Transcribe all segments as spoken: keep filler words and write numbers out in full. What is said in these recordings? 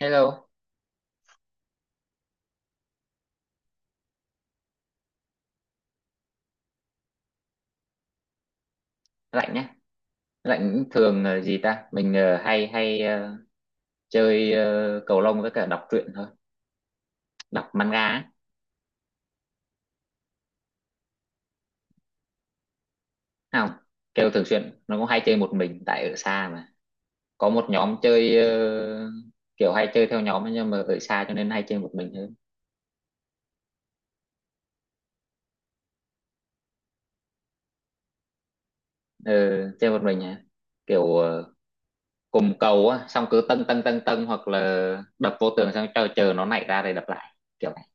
Hello. Lạnh nhé. Lạnh thường ờ, gì ta? Mình ờ, hay hay ờ, chơi ờ, cầu lông với cả đọc truyện thôi, đọc manga á. Thấy không, kêu thường xuyên. Nó cũng hay chơi một mình tại ở xa mà. Có một nhóm chơi, ờ, kiểu hay chơi theo nhóm ấy, nhưng mà ở xa cho nên hay chơi một mình hơn. Ờ, chơi một mình hả? Kiểu ờ, cùng cầu á, xong cứ tâng tâng tâng tâng hoặc là đập vô tường xong chờ chờ nó nảy ra rồi đập lại. Kiểu này.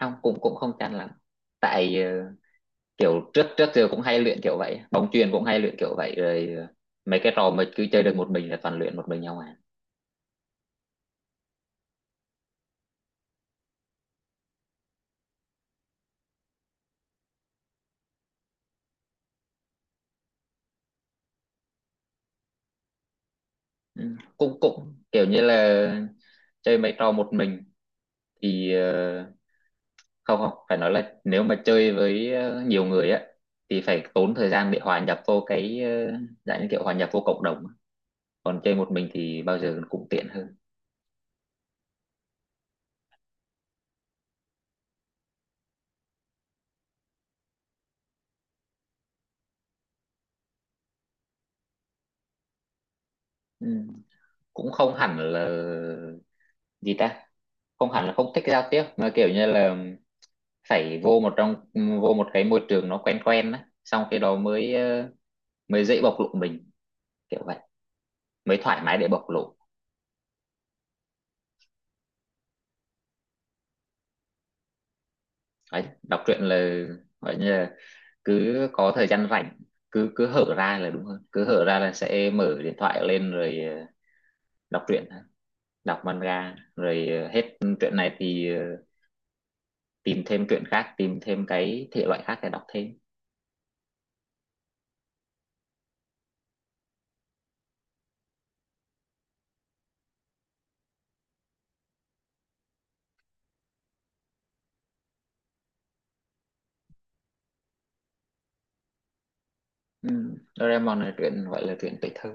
Không, cũng cũng không chán lắm. Tại ờ, kiểu trước trước giờ cũng hay luyện kiểu vậy, bóng chuyền cũng hay luyện kiểu vậy rồi, ờ, mấy cái trò mà cứ chơi được một mình là toàn luyện một mình nhau à. Ừ, cũng cũng kiểu như là chơi mấy trò một mình thì ờ, không không phải nói là nếu mà chơi với ờ, nhiều người á thì phải tốn thời gian để hòa nhập vô cái, ờ, dạng như kiểu hòa nhập vô cộng đồng, còn chơi một mình thì bao giờ cũng tiện hơn. Ừ, cũng không hẳn là, gì ta, không hẳn là không thích giao tiếp mà kiểu như là phải vô một trong vô một cái môi trường nó quen quen á, xong cái đó mới ờ, mới dễ bộc lộ mình, kiểu vậy, mới thoải mái để bộc lộ. Đấy, đọc truyện là gọi như là cứ có thời gian rảnh, cứ cứ hở ra, là đúng hơn, cứ hở ra là sẽ mở điện thoại lên rồi, ờ, đọc truyện, đọc manga, rồi ờ, hết truyện này thì ờ, tìm thêm truyện khác, tìm thêm cái thể loại khác để đọc thêm. Ừ. Doraemon là truyện gọi là truyện tuổi thơ.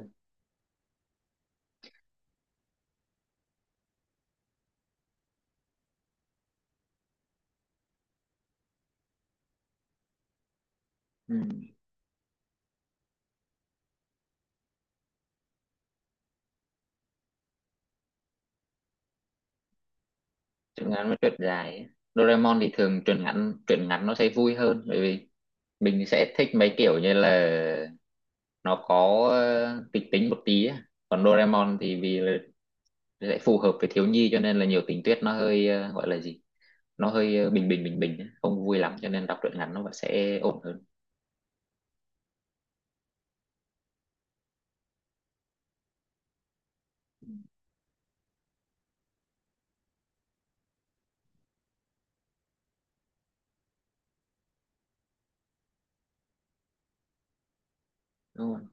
Ừ, truyện ngắn với truyện dài ấy. Doraemon thì thường truyện ngắn, truyện ngắn nó sẽ vui hơn, bởi vì mình sẽ thích mấy kiểu như là nó có ờ, kịch tính một tí á. Còn Doraemon thì vì là sẽ phù hợp với thiếu nhi cho nên là nhiều tình tiết nó hơi, ờ, gọi là gì, nó hơi ờ, bình bình bình bình á, không vui lắm, cho nên đọc truyện ngắn nó vẫn sẽ ổn hơn, đúng không.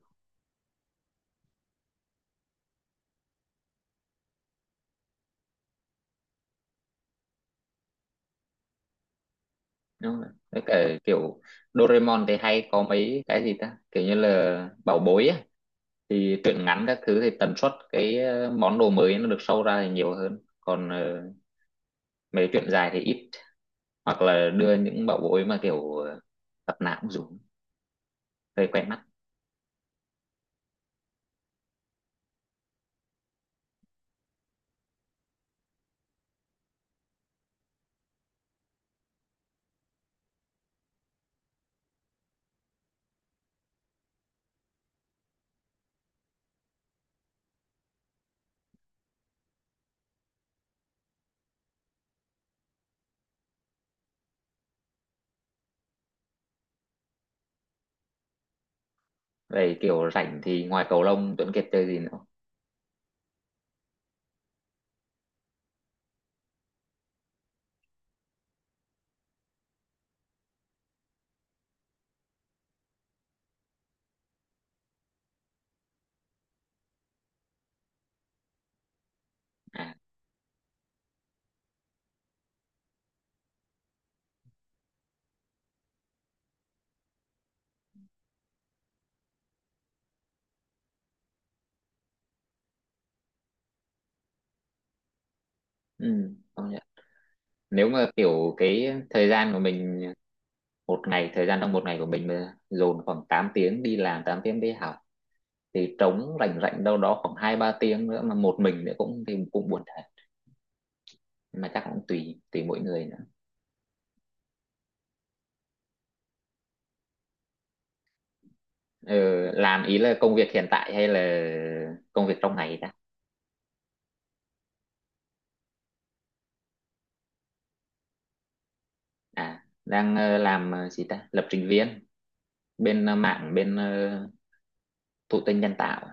Đúng rồi, với cả kiểu Doraemon thì hay có mấy cái, gì ta, kiểu như là bảo bối á, thì truyện ngắn các thứ thì tần suất cái ờ, món đồ mới nó được sâu ra thì nhiều hơn, còn ờ, mấy truyện dài thì ít, hoặc là đưa những bảo bối mà kiểu ờ, tập nào cũng dùng hơi quen mắt. Về kiểu rảnh thì ngoài cầu lông, Tuấn Kiệt chơi gì nữa? À, ừ, công nhận. Nếu mà kiểu cái thời gian của mình một ngày, thời gian trong một ngày của mình mà dồn khoảng tám tiếng đi làm, tám tiếng đi học, thì trống rảnh rảnh đâu đó khoảng hai ba tiếng nữa mà một mình nữa cũng thì cũng buồn thật. Nhưng mà chắc cũng tùy tùy mỗi người nữa. Ừ, làm ý là công việc hiện tại hay là công việc trong ngày ta? À, đang ờ, làm ờ, gì ta, lập trình viên bên ờ, mạng, bên ờ, thụ tinh nhân tạo.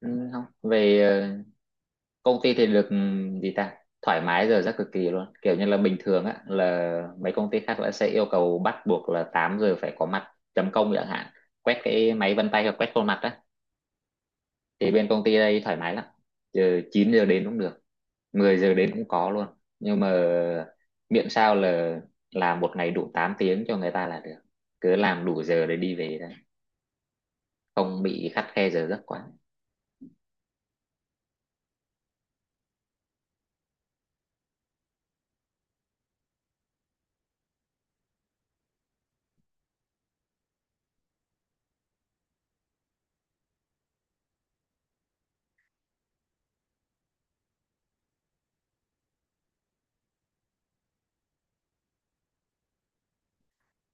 Ừ, không, về ờ, công ty thì được, ừ, gì ta, thoải mái giờ rất cực kỳ luôn, kiểu như là bình thường á là mấy công ty khác là sẽ yêu cầu bắt buộc là tám giờ phải có mặt chấm công chẳng hạn, quét cái máy vân tay hoặc quét khuôn mặt á. Thì bên công ty đây thoải mái lắm, giờ chín giờ đến cũng được, mười giờ đến cũng có luôn, nhưng mà miễn sao là làm một ngày đủ tám tiếng cho người ta là được, cứ làm đủ giờ để đi về thôi, không bị khắt khe giờ giấc quá.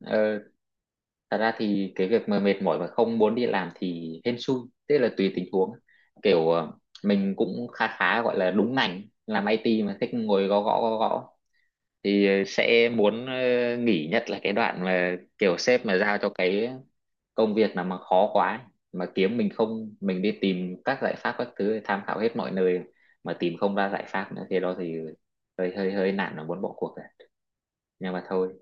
Ờ, thật ra thì cái việc mà mệt mỏi mà không muốn đi làm thì hên xui, tức là tùy tình huống, kiểu ờ, mình cũng khá khá gọi là đúng ngành, làm i tê mà thích ngồi gõ gõ gõ gõ thì ờ, sẽ muốn ờ, nghỉ, nhất là cái đoạn mà kiểu sếp mà giao cho cái công việc nào mà khó quá ấy, mà kiếm mình không, mình đi tìm các giải pháp các thứ tham khảo hết mọi nơi mà tìm không ra giải pháp nữa thì đó thì hơi hơi hơi nản và muốn bỏ cuộc rồi, nhưng mà thôi.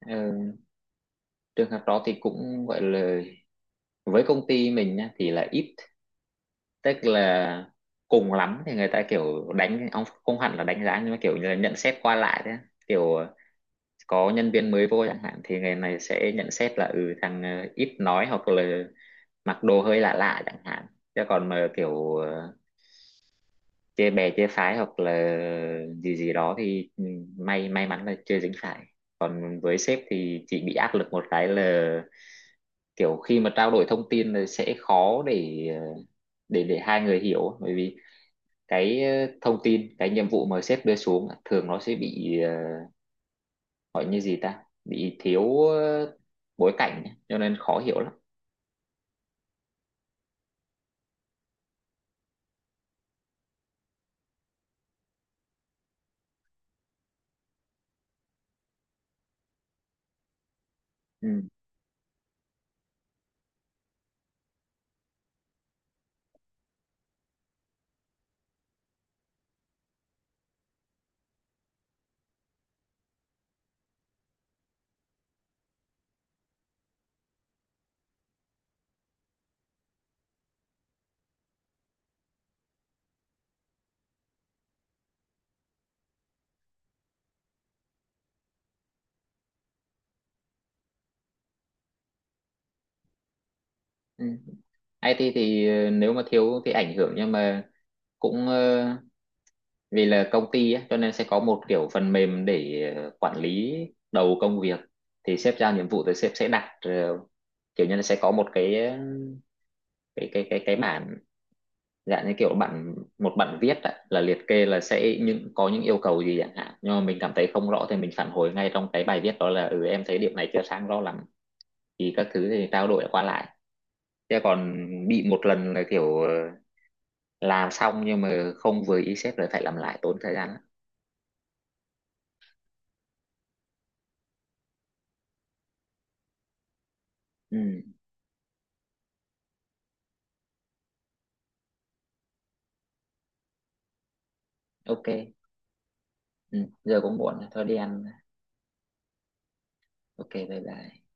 Ờ, trường hợp đó thì cũng gọi là, với công ty mình nhá, thì là ít, tức là cùng lắm thì người ta kiểu đánh ông, không hẳn là đánh giá nhưng mà kiểu như là nhận xét qua lại thế, kiểu ờ, có nhân viên mới vô chẳng hạn thì người này sẽ nhận xét là ừ thằng ờ, ít nói hoặc là mặc đồ hơi lạ lạ chẳng hạn, chứ còn mà kiểu ờ, chê bè chê phái hoặc là gì gì đó thì ừ, may may mắn là chưa dính phải. Với sếp thì chị bị áp lực một cái là kiểu khi mà trao đổi thông tin là sẽ khó để ờ, để để hai người hiểu, bởi vì cái ờ, thông tin cái nhiệm vụ mà sếp đưa xuống thường nó sẽ bị, ờ, gọi như gì ta, bị thiếu ờ, bối cảnh ấy, cho nên khó hiểu lắm. Ừ. Ừ. i tê thì ờ, nếu mà thiếu thì ảnh hưởng, nhưng mà cũng ờ, vì là công ty á, cho nên sẽ có một kiểu phần mềm để ờ, quản lý đầu công việc, thì sếp giao nhiệm vụ thì sếp sẽ đặt ờ, kiểu như là sẽ có một cái, ờ, cái cái cái cái bản, dạng như kiểu bản, một bản viết ạ, là liệt kê là sẽ những có những yêu cầu gì chẳng hạn, nhưng mà mình cảm thấy không rõ thì mình phản hồi ngay trong cái bài viết đó là ừ em thấy điểm này chưa sáng rõ lắm, thì các thứ thì trao đổi qua lại, chứ còn bị một lần là kiểu ờ, làm xong nhưng mà không vừa ý sếp rồi phải làm lại tốn thời gian lắm. Ừ. Ok. Ừ, giờ cũng muộn rồi, thôi đi ăn. Ok, bye bye.